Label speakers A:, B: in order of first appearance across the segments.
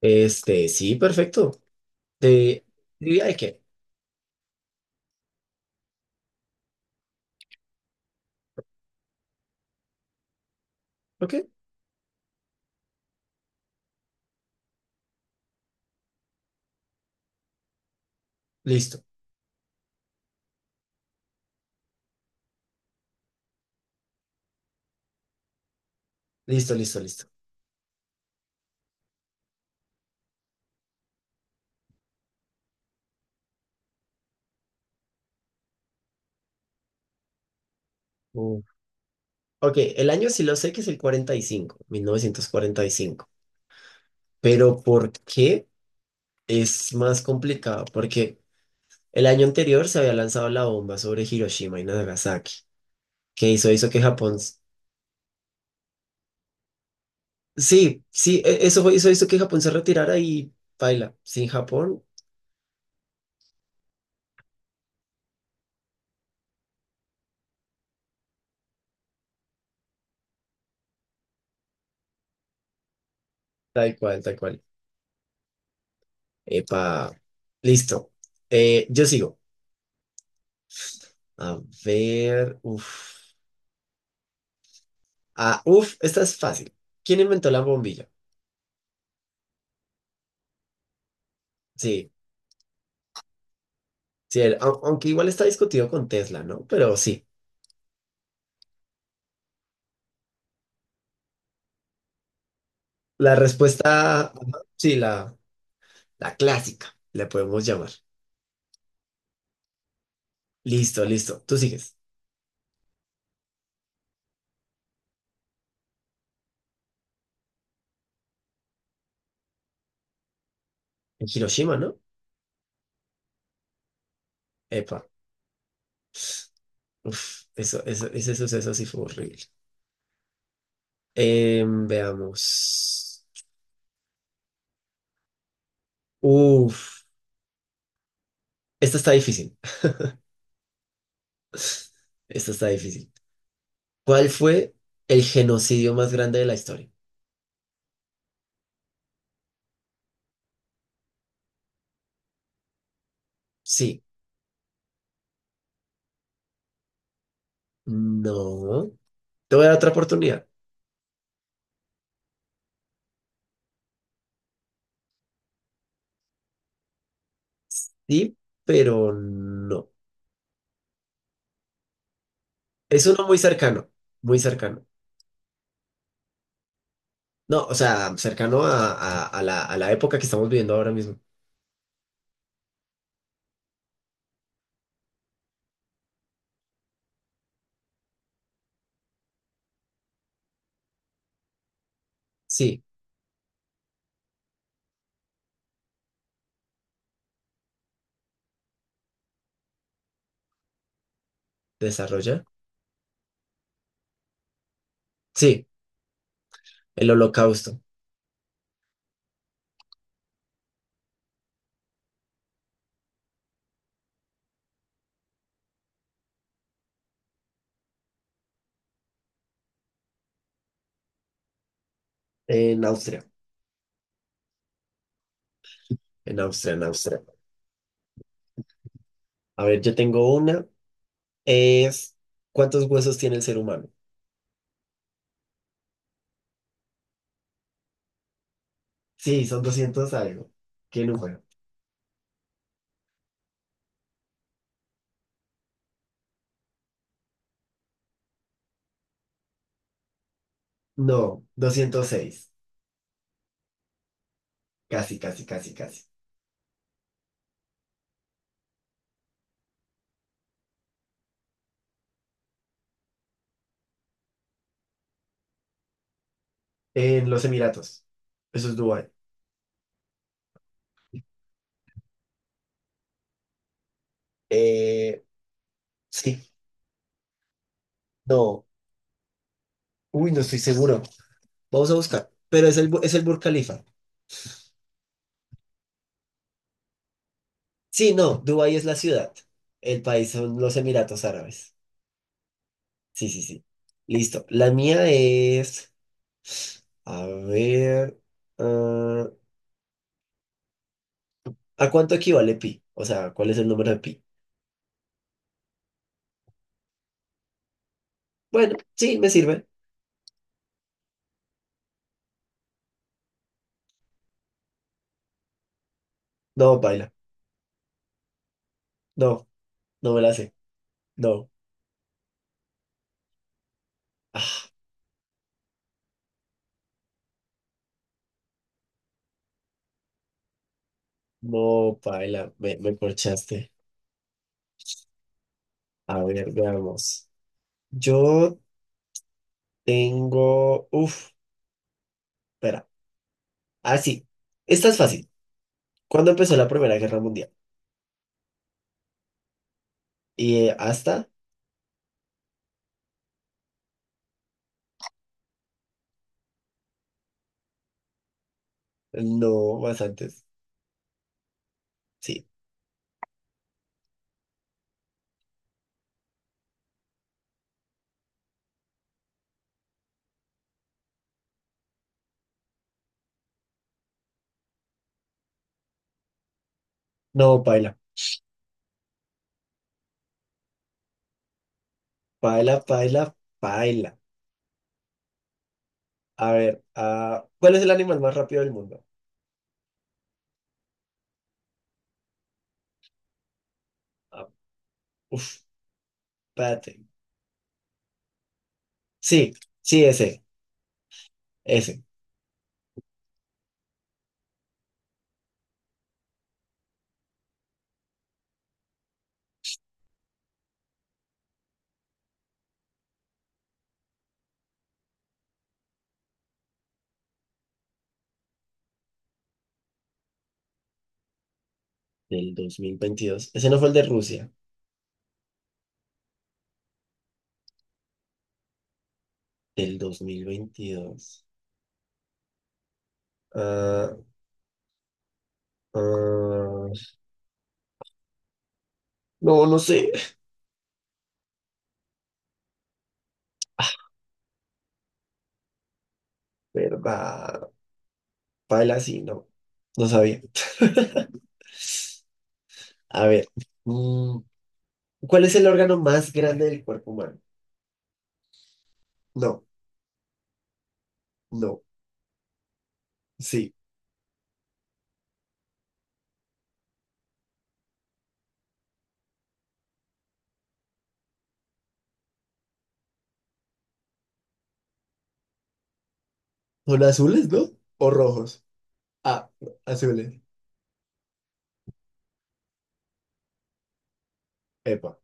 A: Sí, perfecto. De Diría de qué. Ok, listo, listo, listo, listo. Uh, Ok, el año sí lo sé, que es el cuarenta cuarenta y cinco 1945. Pero ¿por qué es más complicado? Porque el año anterior se había lanzado la bomba sobre Hiroshima y Nagasaki, que hizo que Japón. Sí, sí, hizo que Japón se retirara y baila. Sin Japón, tal cual, tal cual. Epa, listo. Yo sigo. A ver, uff. Ah, uf, esta es fácil. ¿Quién inventó la bombilla? Sí, sí, aunque igual está discutido con Tesla, ¿no? Pero sí, la respuesta, ajá, sí, la clásica, le podemos llamar. Listo, listo, tú sigues. En Hiroshima, ¿no? Epa, uf, ese suceso sí fue horrible. Veamos. Uf, esta está difícil. Esta está difícil. ¿Cuál fue el genocidio más grande de la historia? Sí, no. Te voy a dar otra oportunidad. Sí, pero no. Es uno muy cercano, muy cercano. No, o sea, cercano a la época que estamos viviendo ahora mismo. Sí, desarrolla. Sí, el Holocausto. En Austria, en Austria, en Austria. A ver, yo tengo una. Es, ¿Cuántos huesos tiene el ser humano? Sí, son 200 algo. ¿Qué número? No, 206. Casi, casi, casi, casi. En los Emiratos. Eso es Dubái. Eh, sí, no. Uy, no estoy seguro. Vamos a buscar. Pero es el Burj Khalifa. Sí, no, Dubái es la ciudad. El país son los Emiratos Árabes. Sí, sí, sí. Listo. La mía es, a ver, ah, ¿a cuánto equivale pi? O sea, ¿cuál es el número de pi? Bueno, sí, me sirve. No, paila. No, no me la sé. No. Ah, no, paila. Me corchaste. A ver, veamos. Yo tengo, uf, espera. Ah, sí. Esta es fácil. ¿Cuándo empezó la Primera Guerra Mundial? Y hasta, no, más antes. Sí. No, paila. Paila, paila, paila. A ver, ah, ¿cuál es el animal más rápido del mundo? Ah, uf, espérate. Sí, sí, ese, ese. Del 2022, ¿ese no fue el de Rusia? Del 2022. Ah, ah, no, no sé. ¿Verdad? Paila, sí, no. No sabía. A ver. mm, ¿Cuál es el órgano más grande del cuerpo humano? No, no. Sí. Son azules, ¿no? ¿O rojos? Ah, azules. Epa,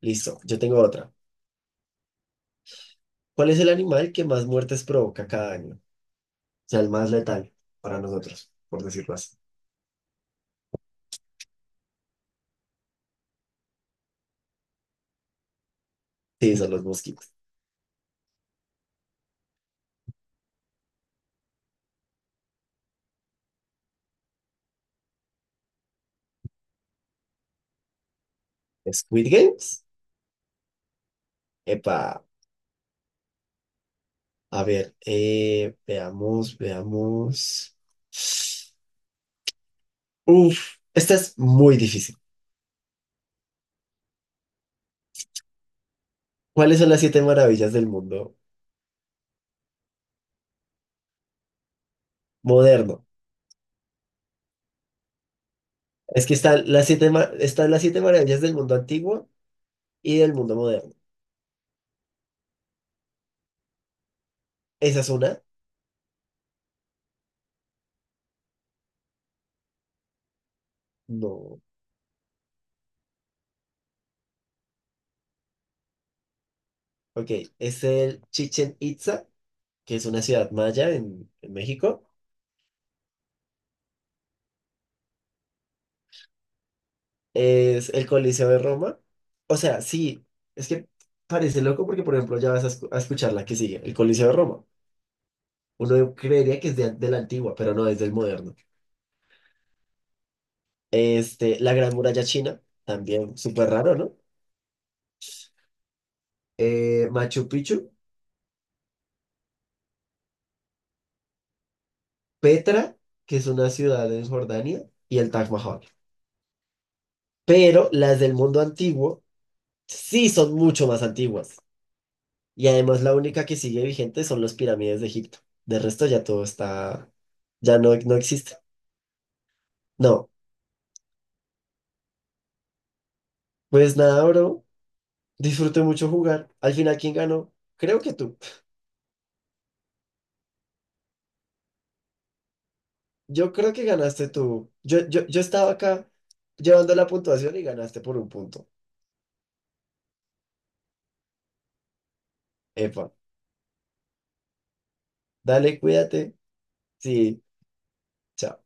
A: listo. Yo tengo otra. ¿Cuál es el animal que más muertes provoca cada año? O sea, el más letal para nosotros, por decirlo así. Sí, son los mosquitos. ¿Squid Games? Epa, a ver, veamos, veamos. Uf, esta es muy difícil. ¿Cuáles son las siete maravillas del mundo moderno? Es que están las siete maravillas del mundo antiguo y del mundo moderno. ¿Esa es una? No. Ok, es el Chichen Itza, que es una ciudad maya en México. Es el Coliseo de Roma. O sea, sí, es que parece loco porque, por ejemplo, ya vas a escuchar la que sigue, el Coliseo de Roma. Uno creería que es de la antigua, pero no, es del moderno. La Gran Muralla China, también súper raro, ¿no? Machu Picchu, Petra, que es una ciudad en Jordania, y el Taj Mahal. Pero las del mundo antiguo sí son mucho más antiguas. Y además la única que sigue vigente son las pirámides de Egipto. De resto ya todo está, ya no existe. No, pues nada, bro. Disfruté mucho jugar. Al final, ¿quién ganó? Creo que tú. Yo creo que ganaste tú. Yo estaba acá llevando la puntuación y ganaste por un punto. Epa, dale, cuídate. Sí, chao.